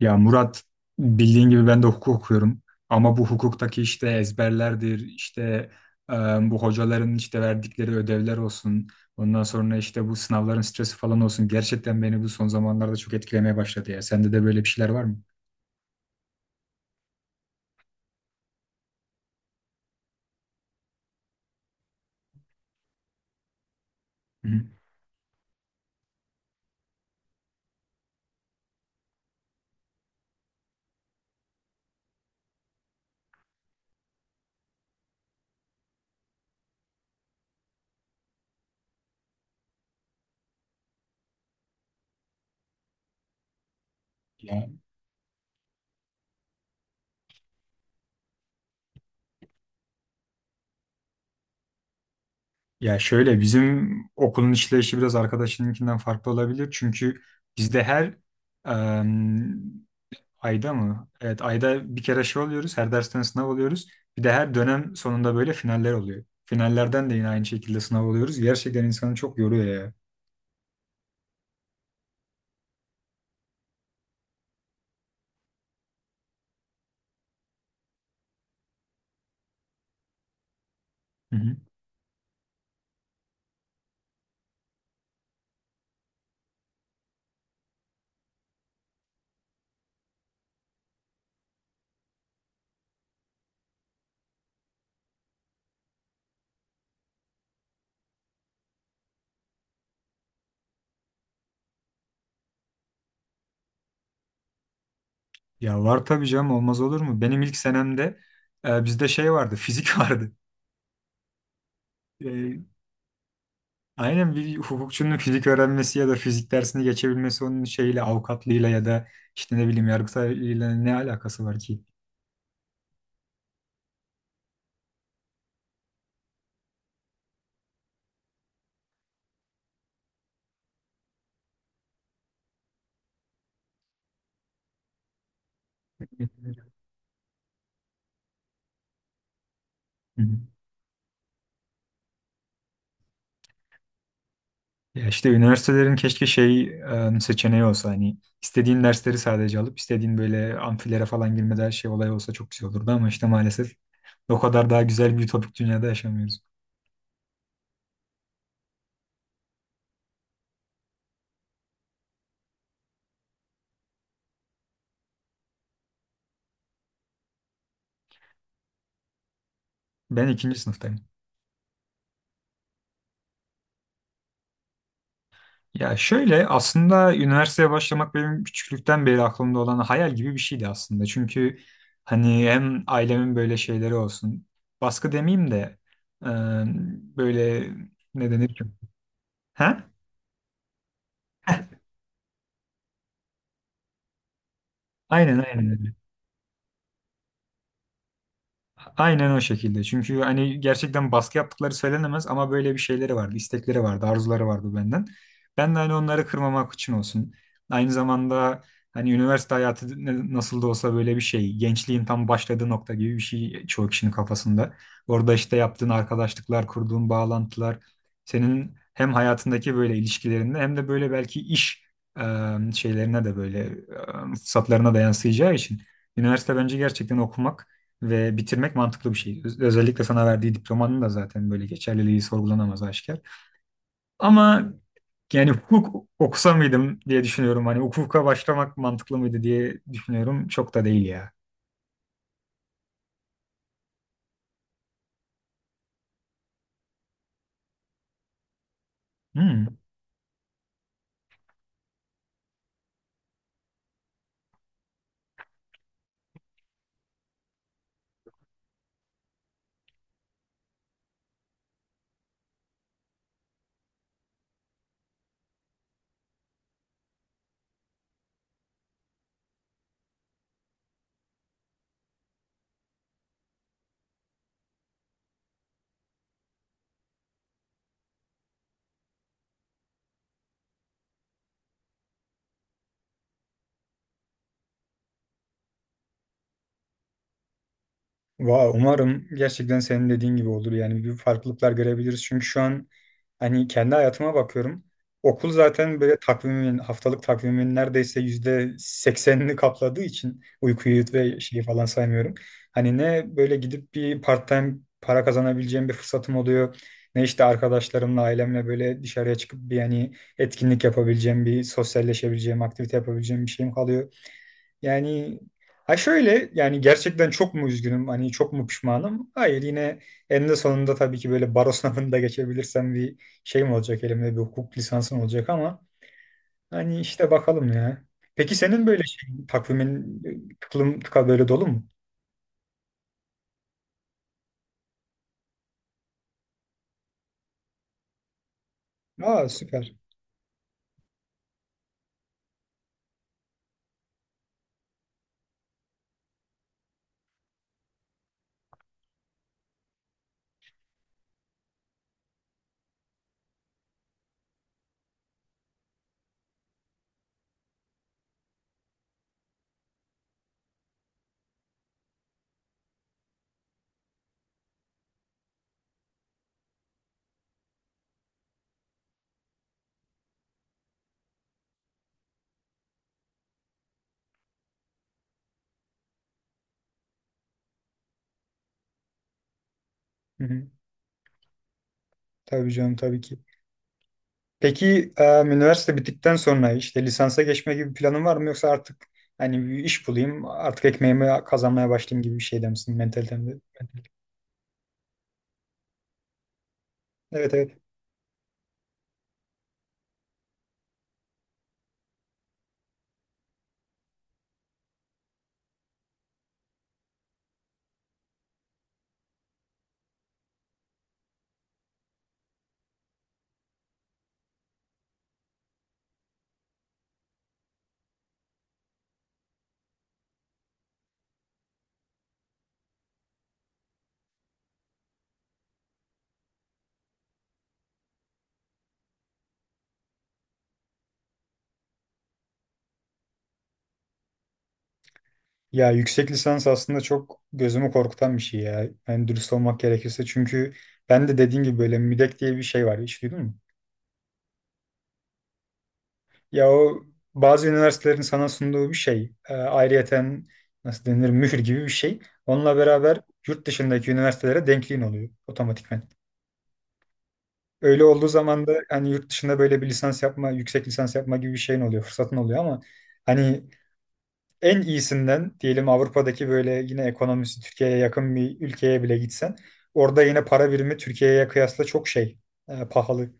Ya Murat, bildiğin gibi ben de hukuk okuyorum ama bu hukuktaki işte ezberlerdir işte, e, bu hocaların işte verdikleri ödevler olsun, ondan sonra işte bu sınavların stresi falan olsun, gerçekten beni bu son zamanlarda çok etkilemeye başladı. Ya sende de böyle bir şeyler var mı? Hı hı. Ya, ya şöyle, bizim okulun işleyişi biraz arkadaşınınkinden farklı olabilir çünkü bizde her Ayda mı? Evet, ayda bir kere şey oluyoruz. Her dersten sınav oluyoruz. Bir de her dönem sonunda böyle finaller oluyor. Finallerden de yine aynı şekilde sınav oluyoruz. Gerçekten insanı çok yoruyor ya. Hı hı. Ya var tabii canım, olmaz olur mu? Benim ilk senemde bizde şey vardı, fizik vardı. E, aynen, bir hukukçunun fizik öğrenmesi ya da fizik dersini geçebilmesi onun şeyle avukatlığıyla ya da işte ne bileyim yargıtayla ne alakası var ki? Hı hı. Ya işte üniversitelerin keşke şey, seçeneği olsa, hani istediğin dersleri sadece alıp istediğin böyle amfilere falan girmede her şey olay olsa çok güzel olurdu ama işte maalesef o kadar daha güzel bir ütopik dünyada yaşamıyoruz. Ben ikinci sınıftayım. Ya şöyle, aslında üniversiteye başlamak benim küçüklükten beri aklımda olan hayal gibi bir şeydi aslında. Çünkü hani hem ailemin böyle şeyleri olsun, baskı demeyeyim de e, böyle, ne denir ki? Ha? Heh, aynen aynen. Aynen o şekilde. Çünkü hani gerçekten baskı yaptıkları söylenemez ama böyle bir şeyleri vardı, istekleri vardı, arzuları vardı benden. Ben de hani onları kırmamak için olsun. Aynı zamanda hani üniversite hayatı nasıl da olsa böyle bir şey. Gençliğin tam başladığı nokta gibi bir şey çoğu kişinin kafasında. Orada işte yaptığın arkadaşlıklar, kurduğun bağlantılar, senin hem hayatındaki böyle ilişkilerinde hem de böyle belki iş e, şeylerine de fırsatlarına da yansıyacağı için üniversite bence gerçekten okumak ve bitirmek mantıklı bir şey. Özellikle sana verdiği diplomanın da zaten böyle geçerliliği sorgulanamaz, aşikar. Ama yani hukuk okusa mıydım diye düşünüyorum. Hani hukuka başlamak mantıklı mıydı diye düşünüyorum. Çok da değil ya. Hmm. Umarım gerçekten senin dediğin gibi olur. Yani bir farklılıklar görebiliriz. Çünkü şu an hani kendi hayatıma bakıyorum. Okul zaten böyle takvimin, haftalık takvimin neredeyse %80'ini kapladığı için uykuyu ve şeyi falan saymıyorum. Hani ne böyle gidip bir part-time para kazanabileceğim bir fırsatım oluyor. Ne işte arkadaşlarımla, ailemle böyle dışarıya çıkıp bir yani etkinlik yapabileceğim, bir sosyalleşebileceğim, aktivite yapabileceğim bir şeyim kalıyor. Yani ha şöyle, yani gerçekten çok mu üzgünüm, hani çok mu pişmanım? Hayır, yine eninde sonunda tabii ki böyle baro sınavında geçebilirsem bir şeyim olacak, elimde bir hukuk lisansım olacak ama hani işte bakalım ya. Peki senin böyle şey, takvimin tıklım tıka böyle dolu mu? Aa, süper. Hı hı. Tabii canım, tabii ki. Peki üniversite bittikten sonra işte lisansa geçme gibi bir planın var mı, yoksa artık hani bir iş bulayım artık ekmeğimi kazanmaya başlayayım gibi bir şeyde misin, mentalitemde? Evet, evet. Ya yüksek lisans aslında çok gözümü korkutan bir şey ya. Yani dürüst olmak gerekirse. Çünkü ben de dediğin gibi böyle müdek diye bir şey var. Hiç duydun mu? Ya o bazı üniversitelerin sana sunduğu bir şey. Ayrıyeten, nasıl denir, mühür gibi bir şey. Onunla beraber yurt dışındaki üniversitelere denkliğin oluyor otomatikman. Öyle olduğu zaman da hani yurt dışında böyle bir lisans yapma, yüksek lisans yapma gibi bir şeyin oluyor, fırsatın oluyor ama hani en iyisinden diyelim Avrupa'daki böyle yine ekonomisi Türkiye'ye yakın bir ülkeye bile gitsen orada yine para birimi Türkiye'ye kıyasla çok şey, pahalı.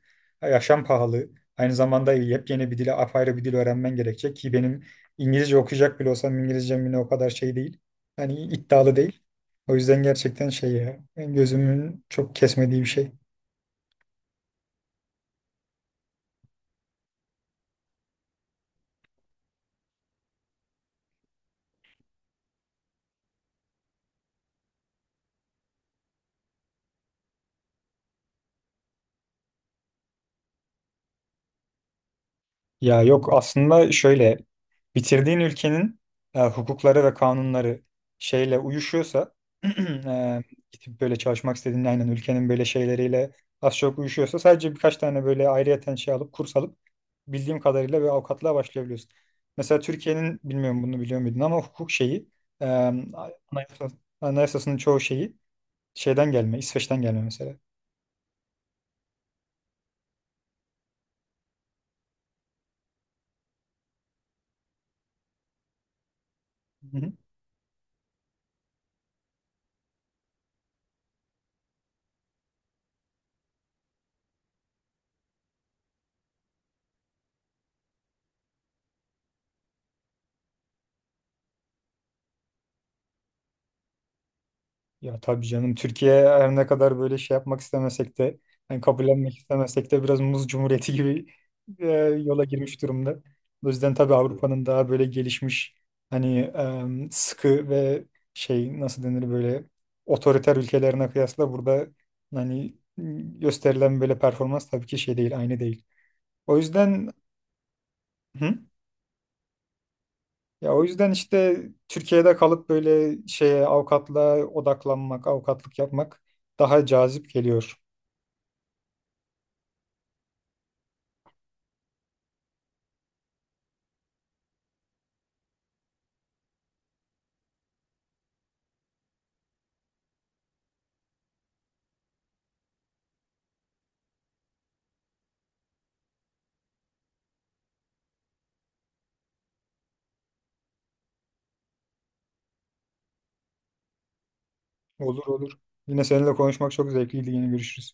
Yaşam pahalı. Aynı zamanda yepyeni bir dili, apayrı bir dil öğrenmen gerekecek ki benim İngilizce okuyacak bile olsam İngilizcem yine o kadar şey değil. Hani iddialı değil. O yüzden gerçekten şey ya, gözümün çok kesmediği bir şey. Ya yok, aslında şöyle, bitirdiğin ülkenin hukukları ve kanunları şeyle uyuşuyorsa, e, gidip böyle çalışmak istediğin aynen ülkenin böyle şeyleriyle az çok uyuşuyorsa sadece birkaç tane böyle ayrıyeten şey alıp, kurs alıp, bildiğim kadarıyla böyle avukatlığa başlayabiliyorsun. Mesela Türkiye'nin, bilmiyorum bunu biliyor muydun ama, hukuk şeyi e, anayasa- anayasasının çoğu şeyi şeyden gelme, İsveç'ten gelme mesela. Ya tabii canım, Türkiye her ne kadar böyle şey yapmak istemesek de, yani kabullenmek istemesek de, biraz muz cumhuriyeti gibi e, yola girmiş durumda. O yüzden tabii Avrupa'nın daha böyle gelişmiş, hani sıkı ve şey nasıl denir, böyle otoriter ülkelerine kıyasla burada hani gösterilen böyle performans tabii ki şey değil, aynı değil. O yüzden, hı? Ya o yüzden işte Türkiye'de kalıp böyle şeye, avukatlığa odaklanmak, avukatlık yapmak daha cazip geliyor. Olur olur. Yine seninle konuşmak çok zevkliydi. Yine görüşürüz.